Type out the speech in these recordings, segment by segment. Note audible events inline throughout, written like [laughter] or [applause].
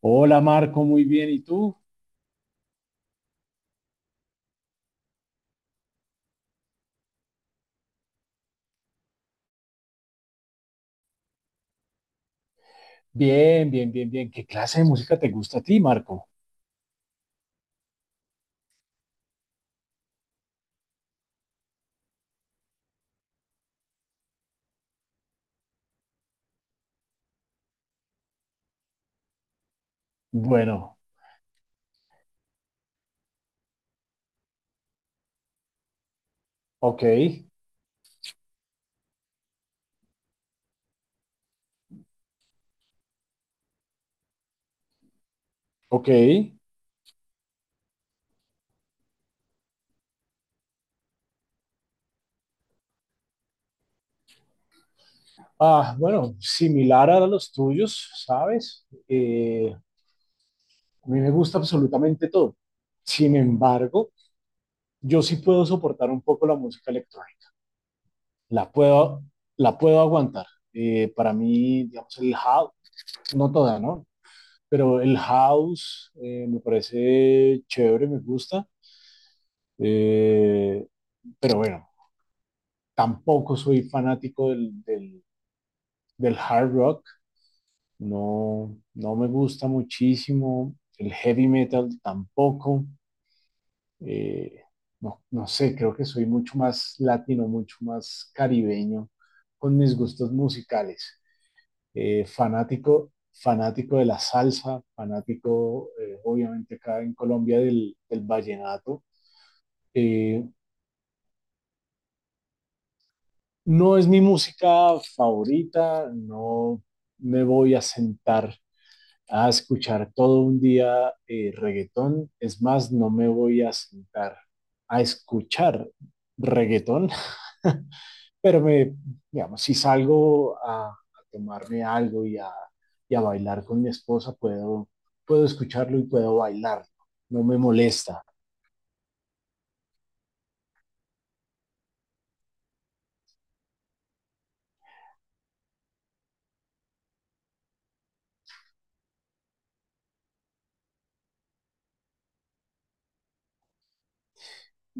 Hola Marco, muy bien. ¿Y tú? Bien, bien, bien, bien. ¿Qué clase de música te gusta a ti, Marco? Bueno, ok, ok. Ah, bueno, similar a los tuyos, ¿sabes? A mí me gusta absolutamente todo. Sin embargo, yo sí puedo soportar un poco la música electrónica. La puedo, la puedo aguantar. Para mí, digamos, el house, no toda, ¿no? Pero el house me parece chévere, me gusta. Eh, pero bueno, tampoco soy fanático del hard rock, no, no me gusta muchísimo, el heavy metal tampoco, eh, no, no sé, creo que soy mucho más latino, mucho más caribeño con mis gustos musicales, fanático, fanático de la salsa, fanático obviamente acá en Colombia del vallenato. Eh, No es mi música favorita, no me voy a sentar a escuchar todo un día reggaetón, es más, no me voy a sentar a escuchar reggaetón, [laughs] pero me, digamos, si salgo a tomarme algo y a bailar con mi esposa, puedo, puedo escucharlo y puedo bailar, no me molesta.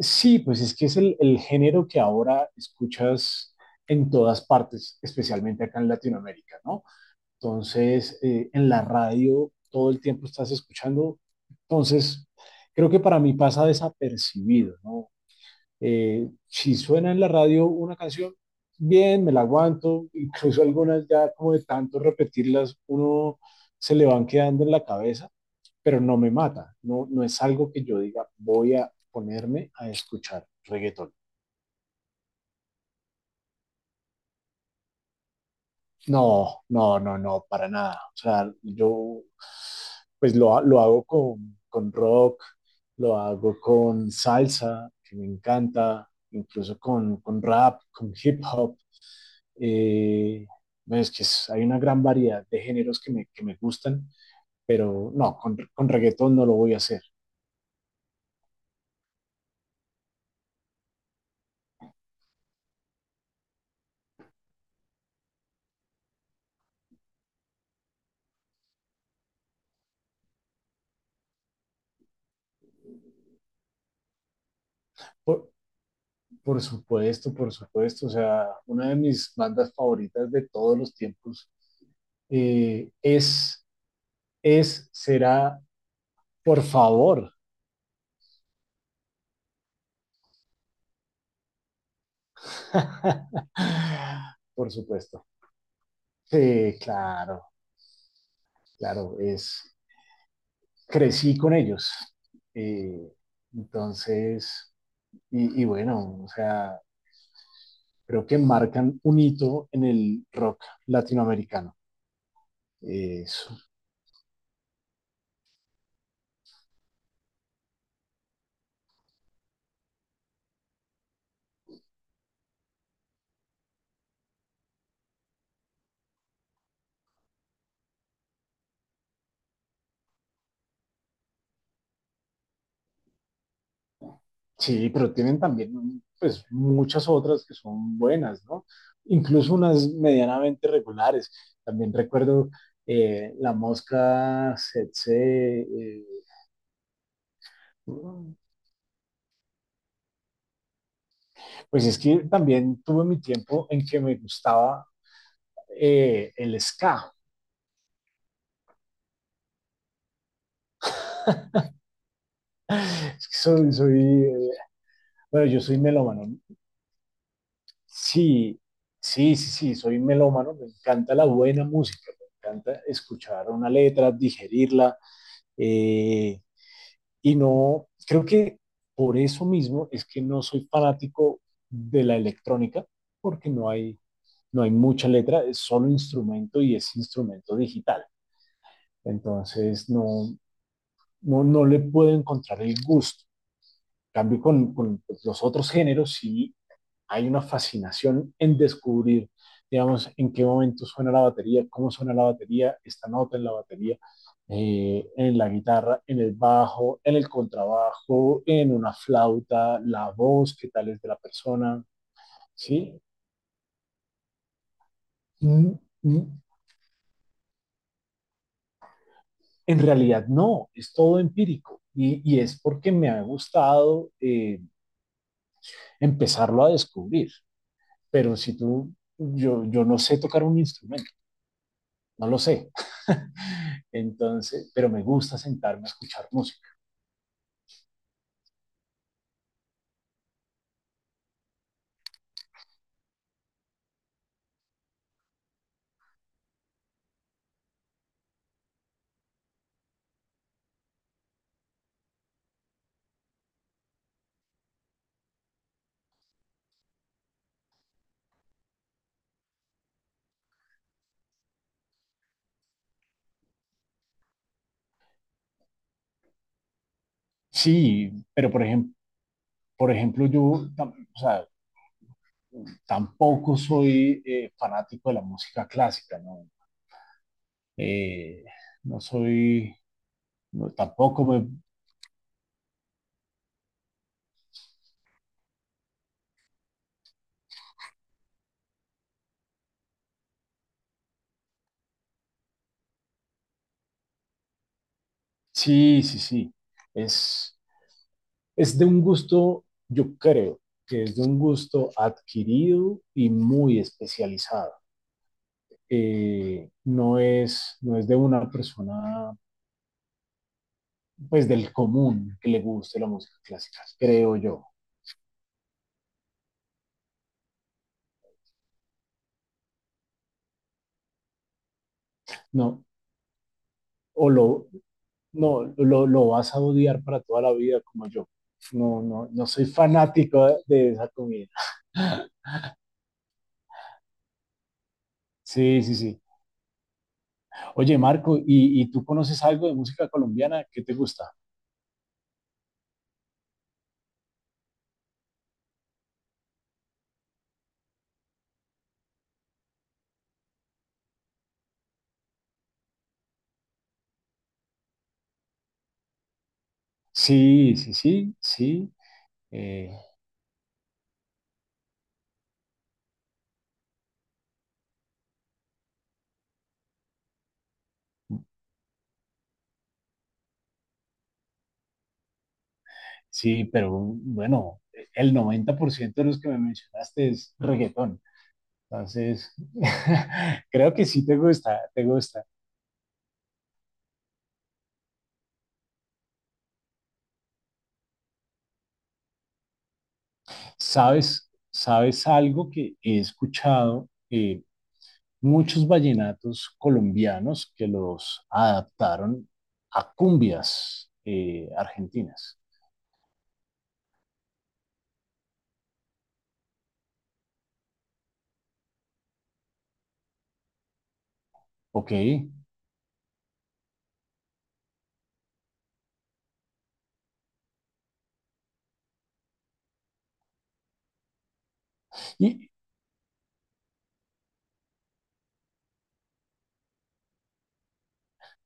Sí, pues es que es el género que ahora escuchas en todas partes, especialmente acá en Latinoamérica, ¿no? Entonces, en la radio todo el tiempo estás escuchando. Entonces, creo que para mí pasa desapercibido, ¿no? Si suena en la radio una canción, bien, me la aguanto, [laughs] incluso algunas ya como de tanto repetirlas, uno se le van quedando en la cabeza, pero no me mata, no, no es algo que yo diga voy a ponerme a escuchar reggaetón. No, no, no, no, para nada. O sea, yo pues lo hago con rock, lo hago con salsa, que me encanta, incluso con rap, con hip hop. Eh, no, es que es, hay una gran variedad de géneros que me gustan, pero no, con reggaetón no lo voy a hacer. Por supuesto, por supuesto. O sea, una de mis bandas favoritas de todos los tiempos eh, es, es, será, por favor. [laughs] Por supuesto. Sí claro, claro, es, crecí con ellos. Eh, entonces, y, bueno, o sea, creo que marcan un hito en el rock latinoamericano. Es sí, pero tienen también pues muchas otras que son buenas, ¿no? Incluso unas medianamente regulares. También recuerdo La Mosca, Setse, pues es que también tuve mi tiempo en que me gustaba el ska. Es que bueno, yo soy melómano. Sí, sí, sí, sí, soy melómano. Me encanta la buena música, me encanta escuchar una letra, digerirla. eh, Y no, creo que por eso mismo es que no soy fanático de la electrónica, porque no hay, no hay mucha letra, es solo instrumento y es instrumento digital. Entonces no, no, no le puedo encontrar el gusto. En cambio con los otros géneros sí hay una fascinación en descubrir, digamos, en qué momento suena la batería, cómo suena la batería, esta nota en la batería, en la guitarra, en el bajo, en el contrabajo, en una flauta, la voz, qué tal es de la persona, ¿sí? Mm, mm, en realidad no, es todo empírico y es porque me ha gustado empezarlo a descubrir, pero si tú, yo no sé tocar un instrumento, no lo sé. Entonces, pero me gusta sentarme a escuchar música. Sí, pero por ejemplo, yo tam- o sea, tampoco soy fanático de la música clásica, ¿no? Eh, no soy, no, tampoco me... Sí, sí, sí. Es, es de un gusto, yo creo que es de un gusto adquirido y muy especializado. No es, no es de una persona pues del común que le guste la música clásica, creo yo. No, o lo, no, lo vas a odiar para toda la vida como yo. No, no, no soy fanático de esa comida. Sí, sí, sí. Oye, Marco, y tú conoces algo de música colombiana? ¿Qué te gusta? Sí, sí, sí, sí. eh, sí, pero bueno, el 90% de los que me mencionaste es reggaetón. Entonces, [laughs] creo que sí te gusta, te gusta. ¿Sabes, sabes algo que he escuchado? Muchos vallenatos colombianos que los adaptaron a cumbias argentinas, ¿ok? Y,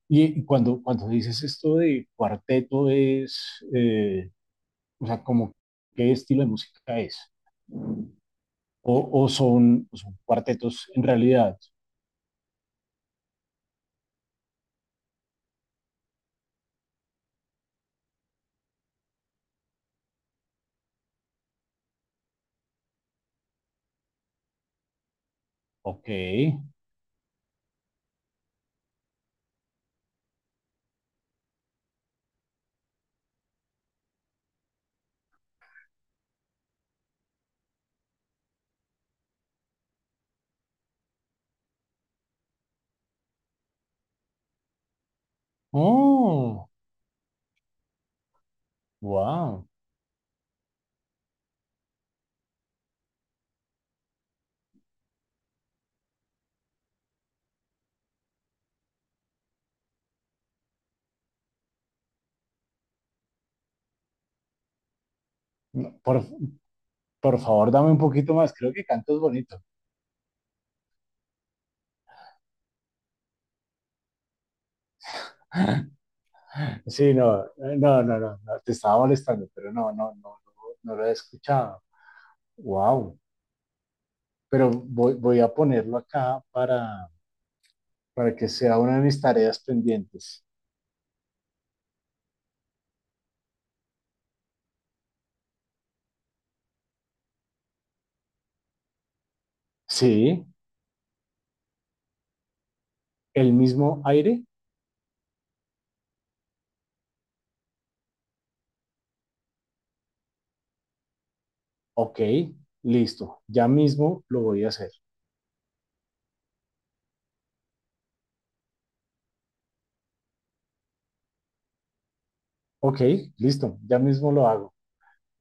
y cuando, cuando dices esto de cuarteto es, o sea, como qué estilo de música es, o son cuartetos en realidad, ¿ok? Oh, wow. Por, por favor, dame un poquito más, creo que cantas bonito. Sí, no, no, no, no, no, te estaba molestando, pero no, no, no, no, no lo he escuchado. Wow, pero voy, voy a ponerlo acá para que sea una de mis tareas pendientes. Sí, el mismo aire, ok, listo, ya mismo lo voy a hacer. Ok, listo, ya mismo lo hago.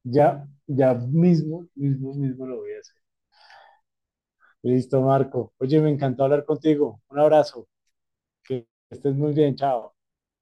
Ya, ya mismo, mismo, mismo lo voy a hacer. Listo, Marco. Oye, me encantó hablar contigo. Un abrazo, que estés muy bien, chao.